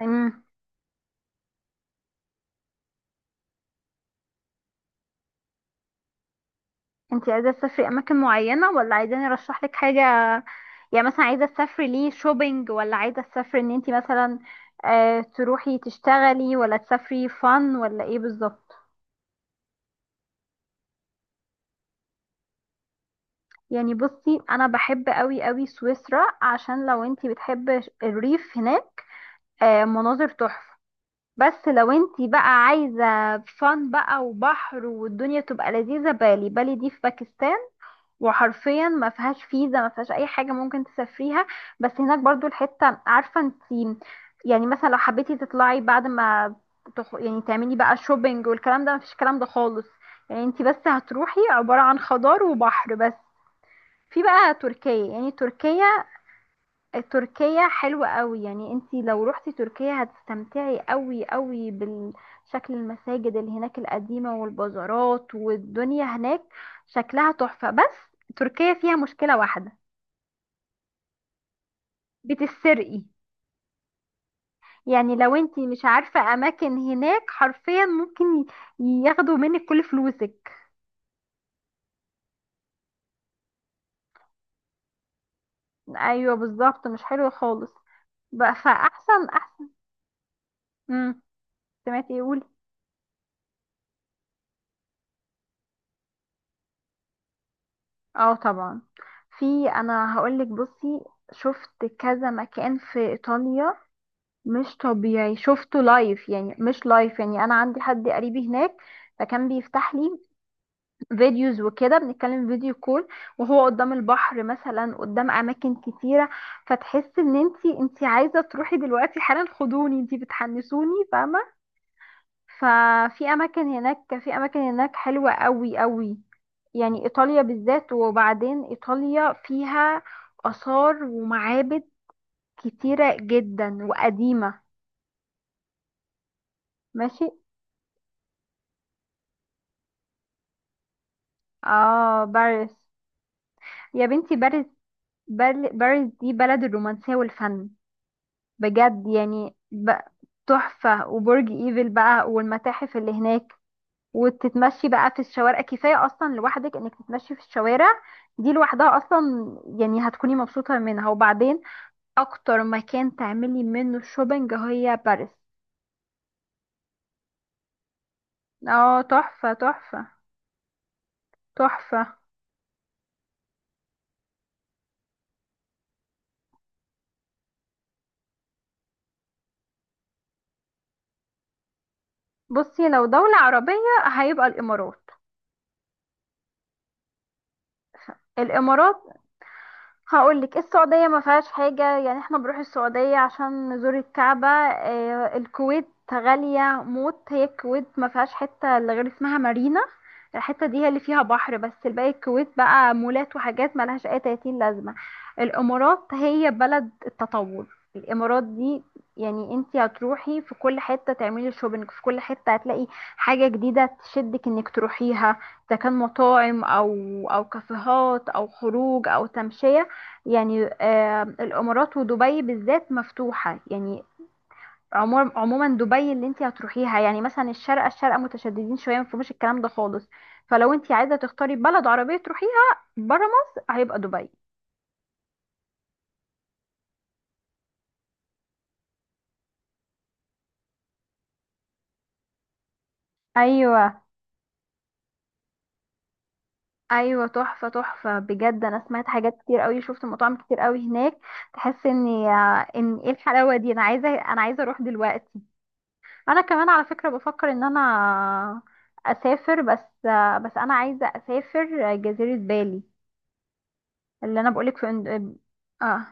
امم انتي عايزه تسافري اماكن معينه ولا عايزاني ارشح لك حاجه؟ يعني مثلا عايزه تسافري ليه شوبينج، ولا عايزه تسافري ان انتي مثلا تروحي تشتغلي، ولا تسافري فن، ولا ايه بالظبط؟ يعني بصي، انا بحب قوي قوي سويسرا، عشان لو انتي بتحب الريف هناك مناظر تحفه. بس لو انتي بقى عايزه فن بقى وبحر والدنيا تبقى لذيذه، بالي بالي دي في باكستان، وحرفيا ما فيهاش فيزا، ما فيهاش اي حاجه، ممكن تسافريها. بس هناك برضو الحته عارفه انت، يعني مثلا لو حبيتي تطلعي بعد ما يعني تعملي بقى شوبينج والكلام ده، ما فيش الكلام ده خالص. يعني انت بس هتروحي عباره عن خضار وبحر بس. في بقى تركيا، يعني تركيا، تركيا حلوة قوي. يعني انتي لو روحتي تركيا هتستمتعي قوي قوي بالشكل، المساجد اللي هناك القديمة والبازارات والدنيا هناك شكلها تحفة. بس تركيا فيها مشكلة واحدة، بتسرقي. يعني لو انتي مش عارفة اماكن هناك حرفيا ممكن ياخدوا منك كل فلوسك. ايوه بالظبط، مش حلو خالص. بقى فاحسن احسن. امم سمعتي ايه؟ اه طبعا، في، انا هقولك، بصي، شفت كذا مكان في ايطاليا مش طبيعي. شفته لايف، يعني مش لايف، يعني انا عندي حد قريبي هناك، فكان بيفتح لي فيديوز وكده، بنتكلم فيديو كول وهو قدام البحر مثلا، قدام اماكن كتيره. فتحس ان انتي عايزه تروحي دلوقتي حالا، خدوني انتي بتحنسوني، فاهمه؟ ففي اماكن هناك، في اماكن هناك حلوة قوي قوي، يعني ايطاليا بالذات. وبعدين ايطاليا فيها اثار ومعابد كتيرة جدا وقديمة. ماشي. اه، باريس. يا بنتي باريس. باريس دي بلد الرومانسية والفن، بجد. تحفة، وبرج ايفل بقى، والمتاحف اللي هناك، وتتمشي بقى في الشوارع. كفاية أصلا لوحدك إنك تتمشي في الشوارع دي لوحدها أصلا. يعني هتكوني مبسوطة منها. وبعدين أكتر مكان تعملي منه شوبينج هي باريس. اه تحفة، تحفة، تحفة. بصي، لو دولة عربية، هيبقى الإمارات. الإمارات. هقولك، السعودية ما فيهاش حاجة، يعني احنا بنروح السعودية عشان نزور الكعبة. آه، الكويت غالية موت، هي الكويت ما فيهاش حتة اللي غير اسمها مارينا. الحتة دي هي اللي فيها بحر بس، الباقي الكويت بقى مولات وحاجات ملهاش اي 30 لازمة. الامارات هي بلد التطور، الامارات دي. يعني انتي هتروحي في كل حتة تعملي شوبينج، في كل حتة هتلاقي حاجة جديدة تشدك انك تروحيها، اذا كان مطاعم او او كافيهات او خروج او تمشية. يعني آه، الامارات ودبي بالذات مفتوحه، يعني عموما عموما دبي اللي انت هتروحيها. يعني مثلا الشارقه، الشارقه متشددين شويه، ما فيهمش الكلام ده خالص. فلو انت عايزه تختاري بلد عربيه تروحيها بره مصر، هيبقى دبي. ايوه ايوه، تحفه تحفه بجد. انا سمعت حاجات كتير قوي، شفت مطاعم كتير قوي هناك، تحس ان ان ايه الحلاوه دي، انا عايزه انا عايزه اروح دلوقتي. انا كمان على فكره بفكر ان انا اسافر، بس آه، بس انا عايزه اسافر جزيره بالي اللي انا بقولك اه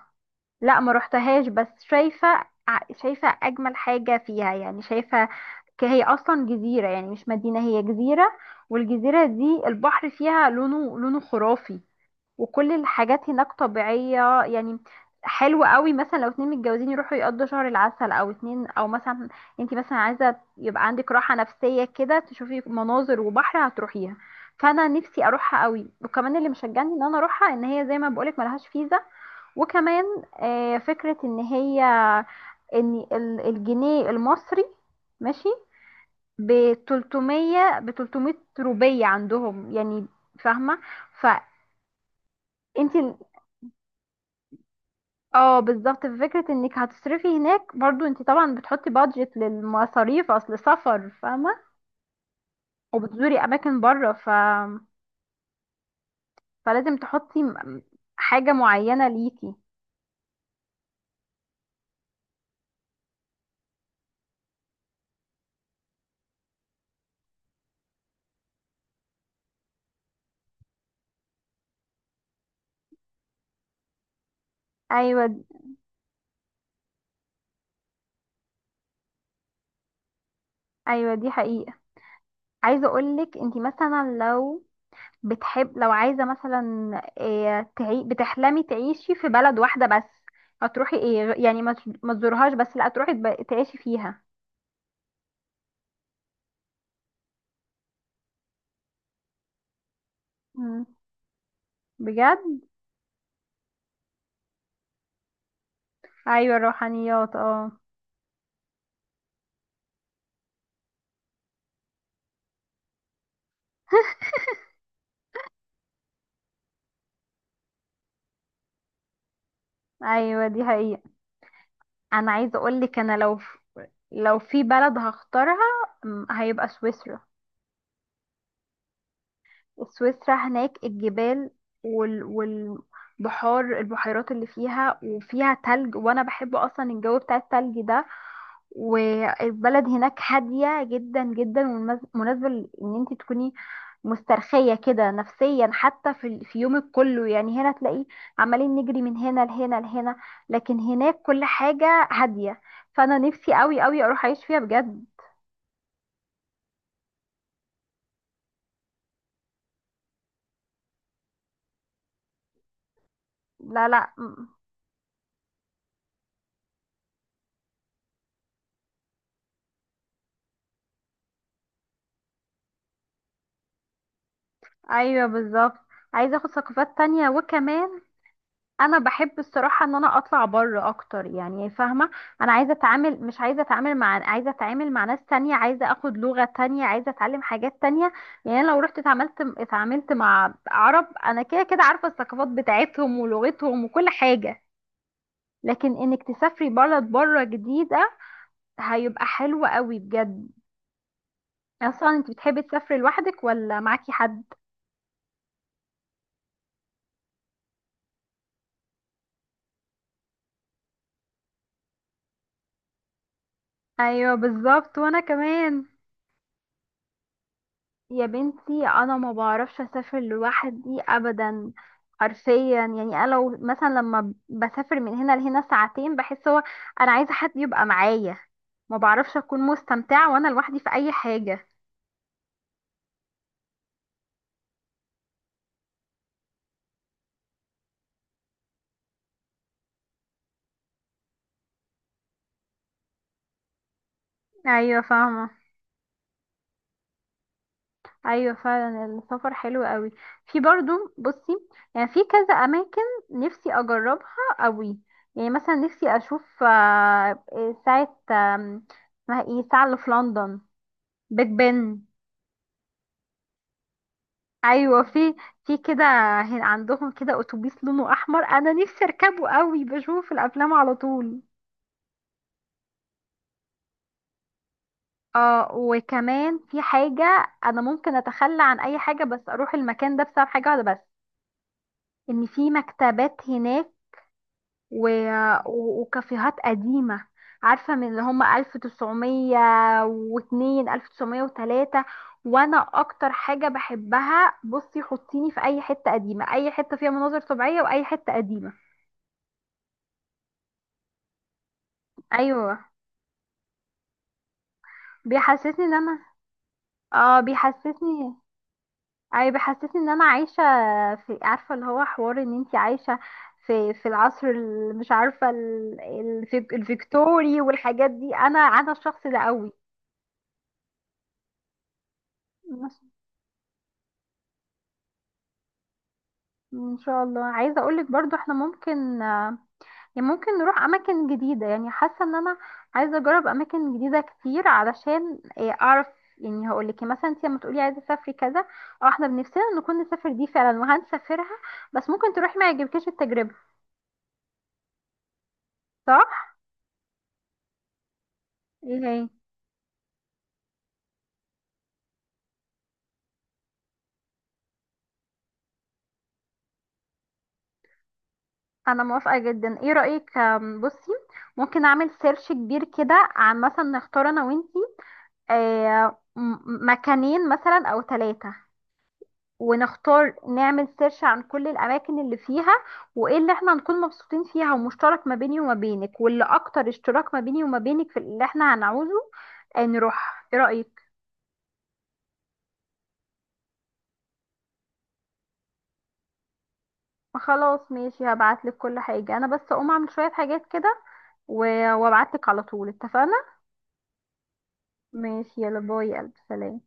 لا ما روحتهاش، بس شايفه شايفه اجمل حاجه فيها، يعني شايفه هي اصلا جزيره، يعني مش مدينه، هي جزيره، والجزيره دي البحر فيها لونه لونه خرافي، وكل الحاجات هناك طبيعية يعني. حلو قوي مثلا لو اتنين متجوزين يروحوا يقضوا شهر العسل، او اتنين، او مثلا انت مثلا عايزة يبقى عندك راحة نفسية كده، تشوفي مناظر وبحر، هتروحيها. فانا نفسي اروحها قوي. وكمان اللي مشجعني ان انا اروحها ان هي زي ما بقولك ملهاش فيزا. وكمان آه، فكرة ان هي ان الجنيه المصري ماشي ب 300، ب 300 روبية عندهم يعني، فاهمة؟ فانت، اه بالظبط، في فكرة انك هتصرفي هناك. برضو انت طبعا بتحطي بادجت للمصاريف اصل سفر، فاهمة؟ وبتزوري اماكن بره، فلازم تحطي حاجة معينة ليكي. ايوه ايوه دي حقيقة. عايزة اقولك انت مثلا لو بتحب، لو عايزة مثلا إيه بتحلمي تعيشي في بلد واحدة بس، هتروحي ايه يعني ما ما تزورهاش بس لا، تروحي تعيشي فيها. مم. بجد؟ ايوه الروحانيات اه. ايوه دي حقيقة. انا عايزه اقول لك، انا لو، لو في بلد هختارها، هيبقى سويسرا. سويسرا هناك الجبال والبحار، البحيرات اللي فيها، وفيها تلج، وانا بحب اصلا الجو بتاع التلج ده. والبلد هناك هادية جدا جدا، مناسبة ان انت تكوني مسترخية كده نفسيا. حتى في يومك كله، يعني هنا تلاقي عمالين نجري من هنا لهنا لهنا، لكن هناك كل حاجة هادية. فانا نفسي قوي قوي اروح اعيش فيها بجد. لا لا م- ايوه بالظبط، عايزة اخد ثقافات تانية، وكمان انا بحب الصراحه ان انا اطلع بره اكتر، يعني فاهمه. انا عايزه اتعامل، مش عايزه اتعامل مع، عايزه اتعامل مع ناس تانية، عايزه اخد لغه تانية، عايزه اتعلم حاجات تانية. يعني انا لو رحت اتعاملت، مع عرب، انا كده كده عارفه الثقافات بتاعتهم ولغتهم وكل حاجه. لكن انك تسافري بلد بره جديده، هيبقى حلو قوي بجد. اصلا انت بتحبي تسافري لوحدك ولا معاكي حد؟ ايوه بالظبط وانا كمان. يا بنتي انا ما بعرفش اسافر لوحدي ابدا، حرفيا. يعني انا لو مثلا لما بسافر من هنا لهنا ساعتين، بحس هو انا عايزه حد يبقى معايا، ما بعرفش اكون مستمتعه وانا لوحدي في اي حاجه. ايوه فاهمه. ايوه فعلا السفر حلو قوي. في برضو، بصي، يعني في كذا اماكن نفسي اجربها قوي. يعني مثلا نفسي اشوف آه، ساعه اسمها ايه، ساعه اللي في لندن، بيج بن. ايوه في، في كده عندهم كده اتوبيس لونه احمر، انا نفسي اركبه قوي، بشوفه في الافلام على طول. اه وكمان في حاجه انا ممكن اتخلى عن اي حاجه بس اروح المكان ده، بسبب حاجه واحده بس، ان في مكتبات هناك، و... وكافيهات قديمه، عارفه، من اللي هم 1902، 1903. وانا اكتر حاجه بحبها، بصي، حطيني في اي حته قديمه، اي حته فيها مناظر طبيعيه، واي حته قديمه. ايوه، بيحسسني ان انا، اه بيحسسني، اي بيحسسني ان انا عايشه في، عارفه اللي هو، حوار ان انتي عايشه في، مش عارفه الفيكتوري والحاجات دي، انا انا الشخص ده قوي. ماشي. ان شاء الله، عايزه اقولك برضو احنا ممكن، يعني ممكن نروح اماكن جديده. يعني حاسه ان انا عايزه اجرب اماكن جديده كتير، علشان إيه، اعرف. يعني هقول لك مثلا انت لما تقولي عايزه اسافري كذا، او احنا بنفسنا نكون نسافر دي فعلا وهنسافرها، بس ممكن تروحي ما يعجبكيش التجربه. صح. ايه هي؟ انا موافقه جدا، ايه رايك بصي، ممكن اعمل سيرش كبير كده، عن مثلا نختار انا وانتي آه، مكانين مثلا او ثلاثه، ونختار، نعمل سيرش عن كل الاماكن اللي فيها، وايه اللي احنا هنكون مبسوطين فيها، ومشترك ما بيني وما بينك، واللي اكتر اشتراك ما بيني وما بينك في اللي احنا هنعوزه آه، نروح. ايه رأيك؟ خلاص ماشي، هبعتلك كل حاجة، انا بس اقوم اعمل شوية حاجات كده، وابعتلك على طول، اتفقنا؟ ماشي، يلا باي يا قلبي، سلام.